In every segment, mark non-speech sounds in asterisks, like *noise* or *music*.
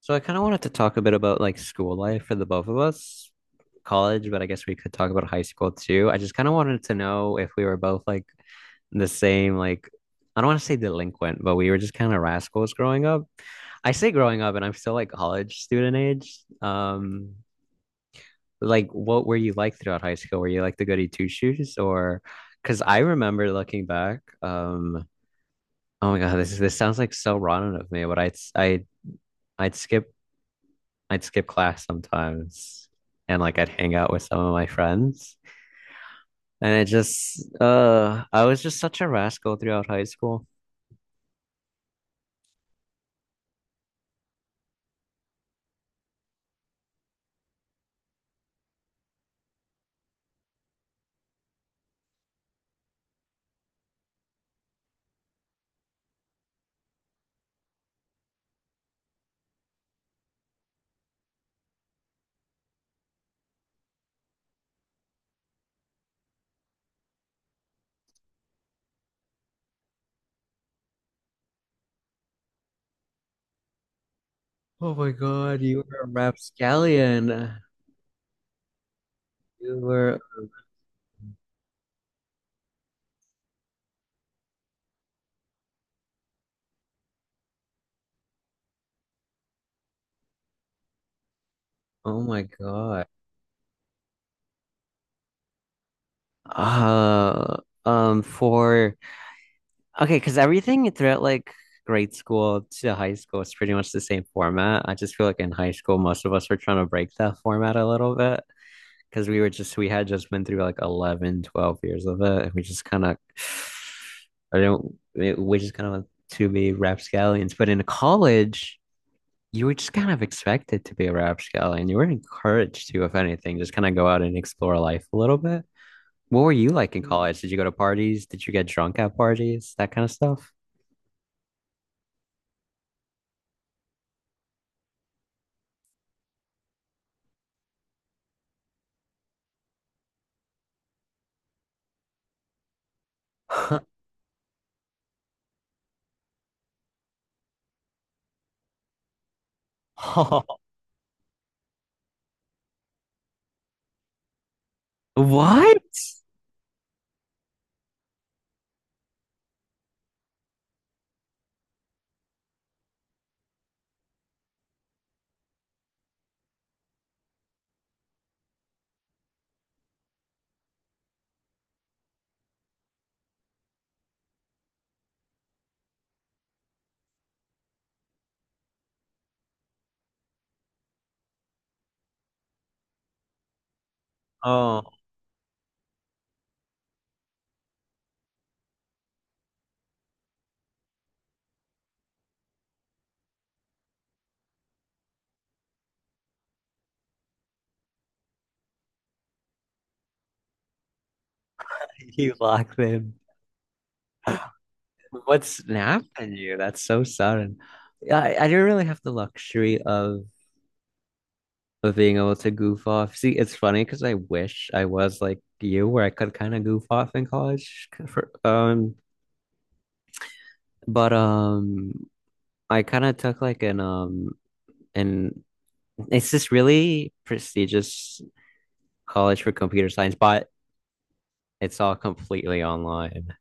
So I kind of wanted to talk a bit about like school life for the both of us, college, but I guess we could talk about high school too. I just kind of wanted to know if we were both like the same, like I don't want to say delinquent, but we were just kind of rascals growing up. I say growing up, and I'm still like college student age. Like what were you like throughout high school? Were you like the goody two shoes? Or because I remember looking back, oh my God, this sounds like so rotten of me, but I'd skip I'd skip class sometimes and like I'd hang out with some of my friends. And it just, I was just such a rascal throughout high school. Oh my God, you were a rapscallion. You were, oh my God. Uh, um, for, okay, because everything throughout like grade school to high school is pretty much the same format. I just feel like in high school, most of us were trying to break that format a little bit, because we had just been through like 11, 12 years of it, and we just kind of, I don't we just kind of like to be rapscallions. But in college you were just kind of expected to be a rapscallion. You were encouraged to, if anything, just kind of go out and explore life a little bit. What were you like in college? Did you go to parties? Did you get drunk at parties, that kind of stuff? *laughs* Oh, what? Oh, you locked in. *laughs* What snapped at you? That's so sudden. Yeah, I didn't really have the luxury of being able to goof off. See, it's funny because I wish I was like you, where I could kind of goof off in college. For, but I kind of took like an and it's this really prestigious college for computer science, but it's all completely online.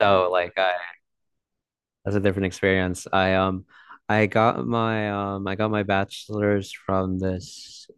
So like that's a different experience. I got my I got my bachelor's from this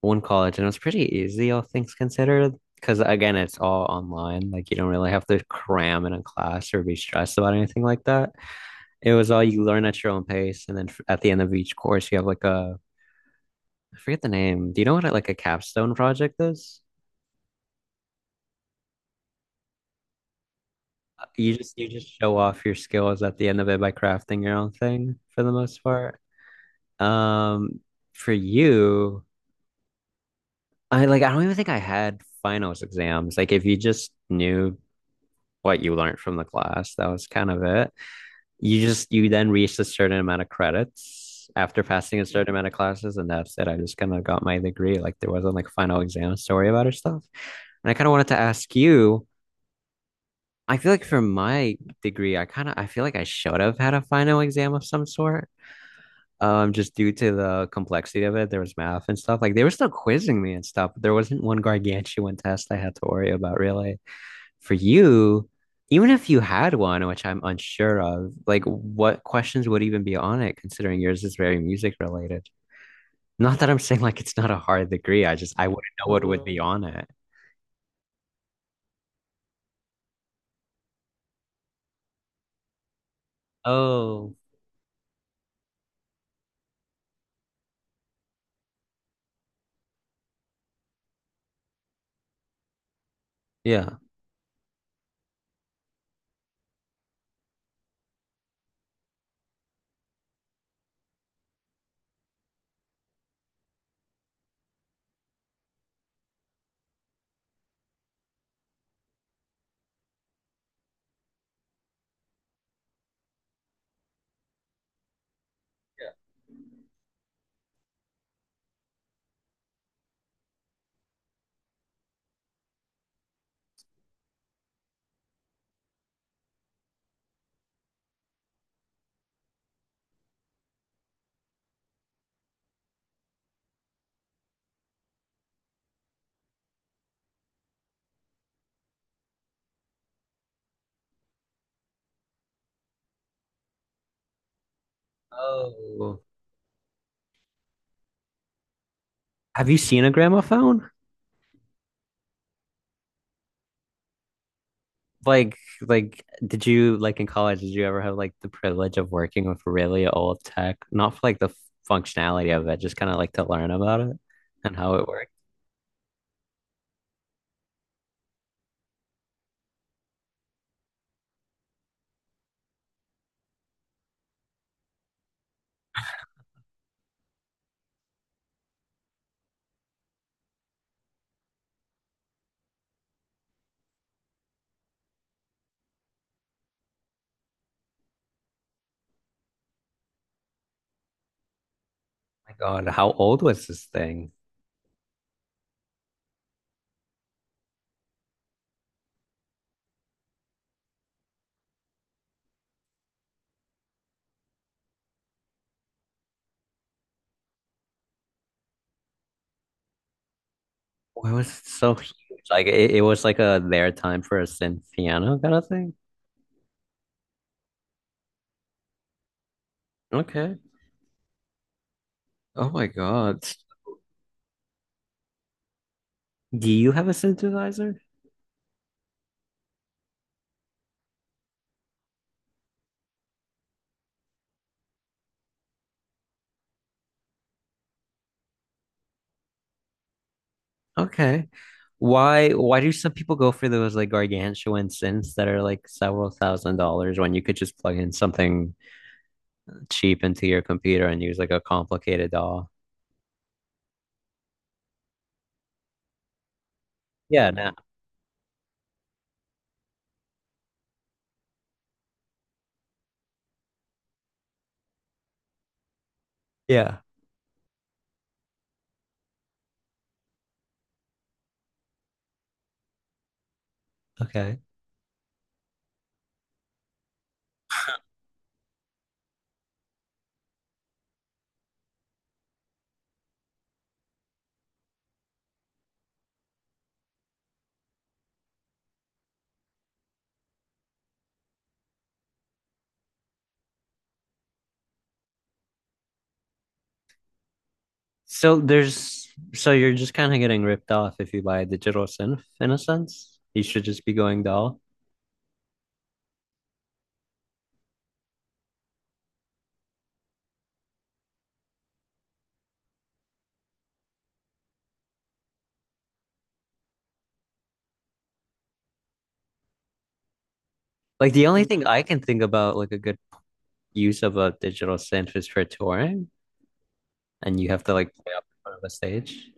one college and it was pretty easy, all things considered. Because again, it's all online. Like you don't really have to cram in a class or be stressed about anything like that. It was all you learn at your own pace, and then at the end of each course, you have like a, I forget the name. Do you know what like a capstone project is? You just show off your skills at the end of it by crafting your own thing for the most part. Um, for you. I like, I don't even think I had finals exams. Like if you just knew what you learned from the class, that was kind of it. You then reached a certain amount of credits after passing a certain amount of classes, and that's it. I just kind of got my degree. Like there wasn't like final exam story about or stuff. And I kind of wanted to ask you, I feel like for my degree, I kind of I feel like I should have had a final exam of some sort. Just due to the complexity of it, there was math and stuff. Like they were still quizzing me and stuff, but there wasn't one gargantuan test I had to worry about really. For you, even if you had one, which I'm unsure of, like what questions would even be on it, considering yours is very music related? Not that I'm saying like it's not a hard degree. I just, I wouldn't know what would be, mm, on it. Oh, yeah. Oh. Have you seen a gramophone? Like did you, like in college did you ever have like the privilege of working with really old tech, not for like the functionality of it, just kind of like to learn about it and how it worked? Oh my God, how old was this thing? Why was it so huge? Like it was like a, their time for a synth piano kind of thing. Okay. Oh my God. Do you have a synthesizer? Okay, why do some people go for those like gargantuan synths that are like several thousand dollars, when you could just plug in something cheap into your computer and use like a complicated doll? Yeah, no. Yeah. Okay. So there's, so you're just kind of getting ripped off if you buy a digital synth in a sense. You should just be going doll. Like the only thing I can think about like a good use of a digital synth is for touring and you have to like play up in front of a stage.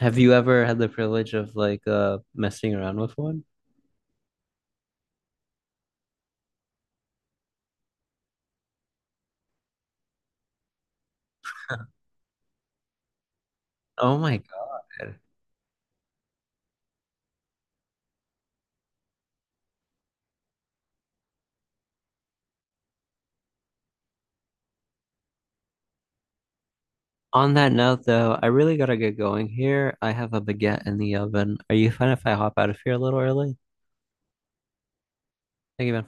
Have you ever had the privilege of like, uh, messing around with one? Oh my God. On that note, though, I really gotta get going here. I have a baguette in the oven. Are you fine if I hop out of here a little early? Thank you, man.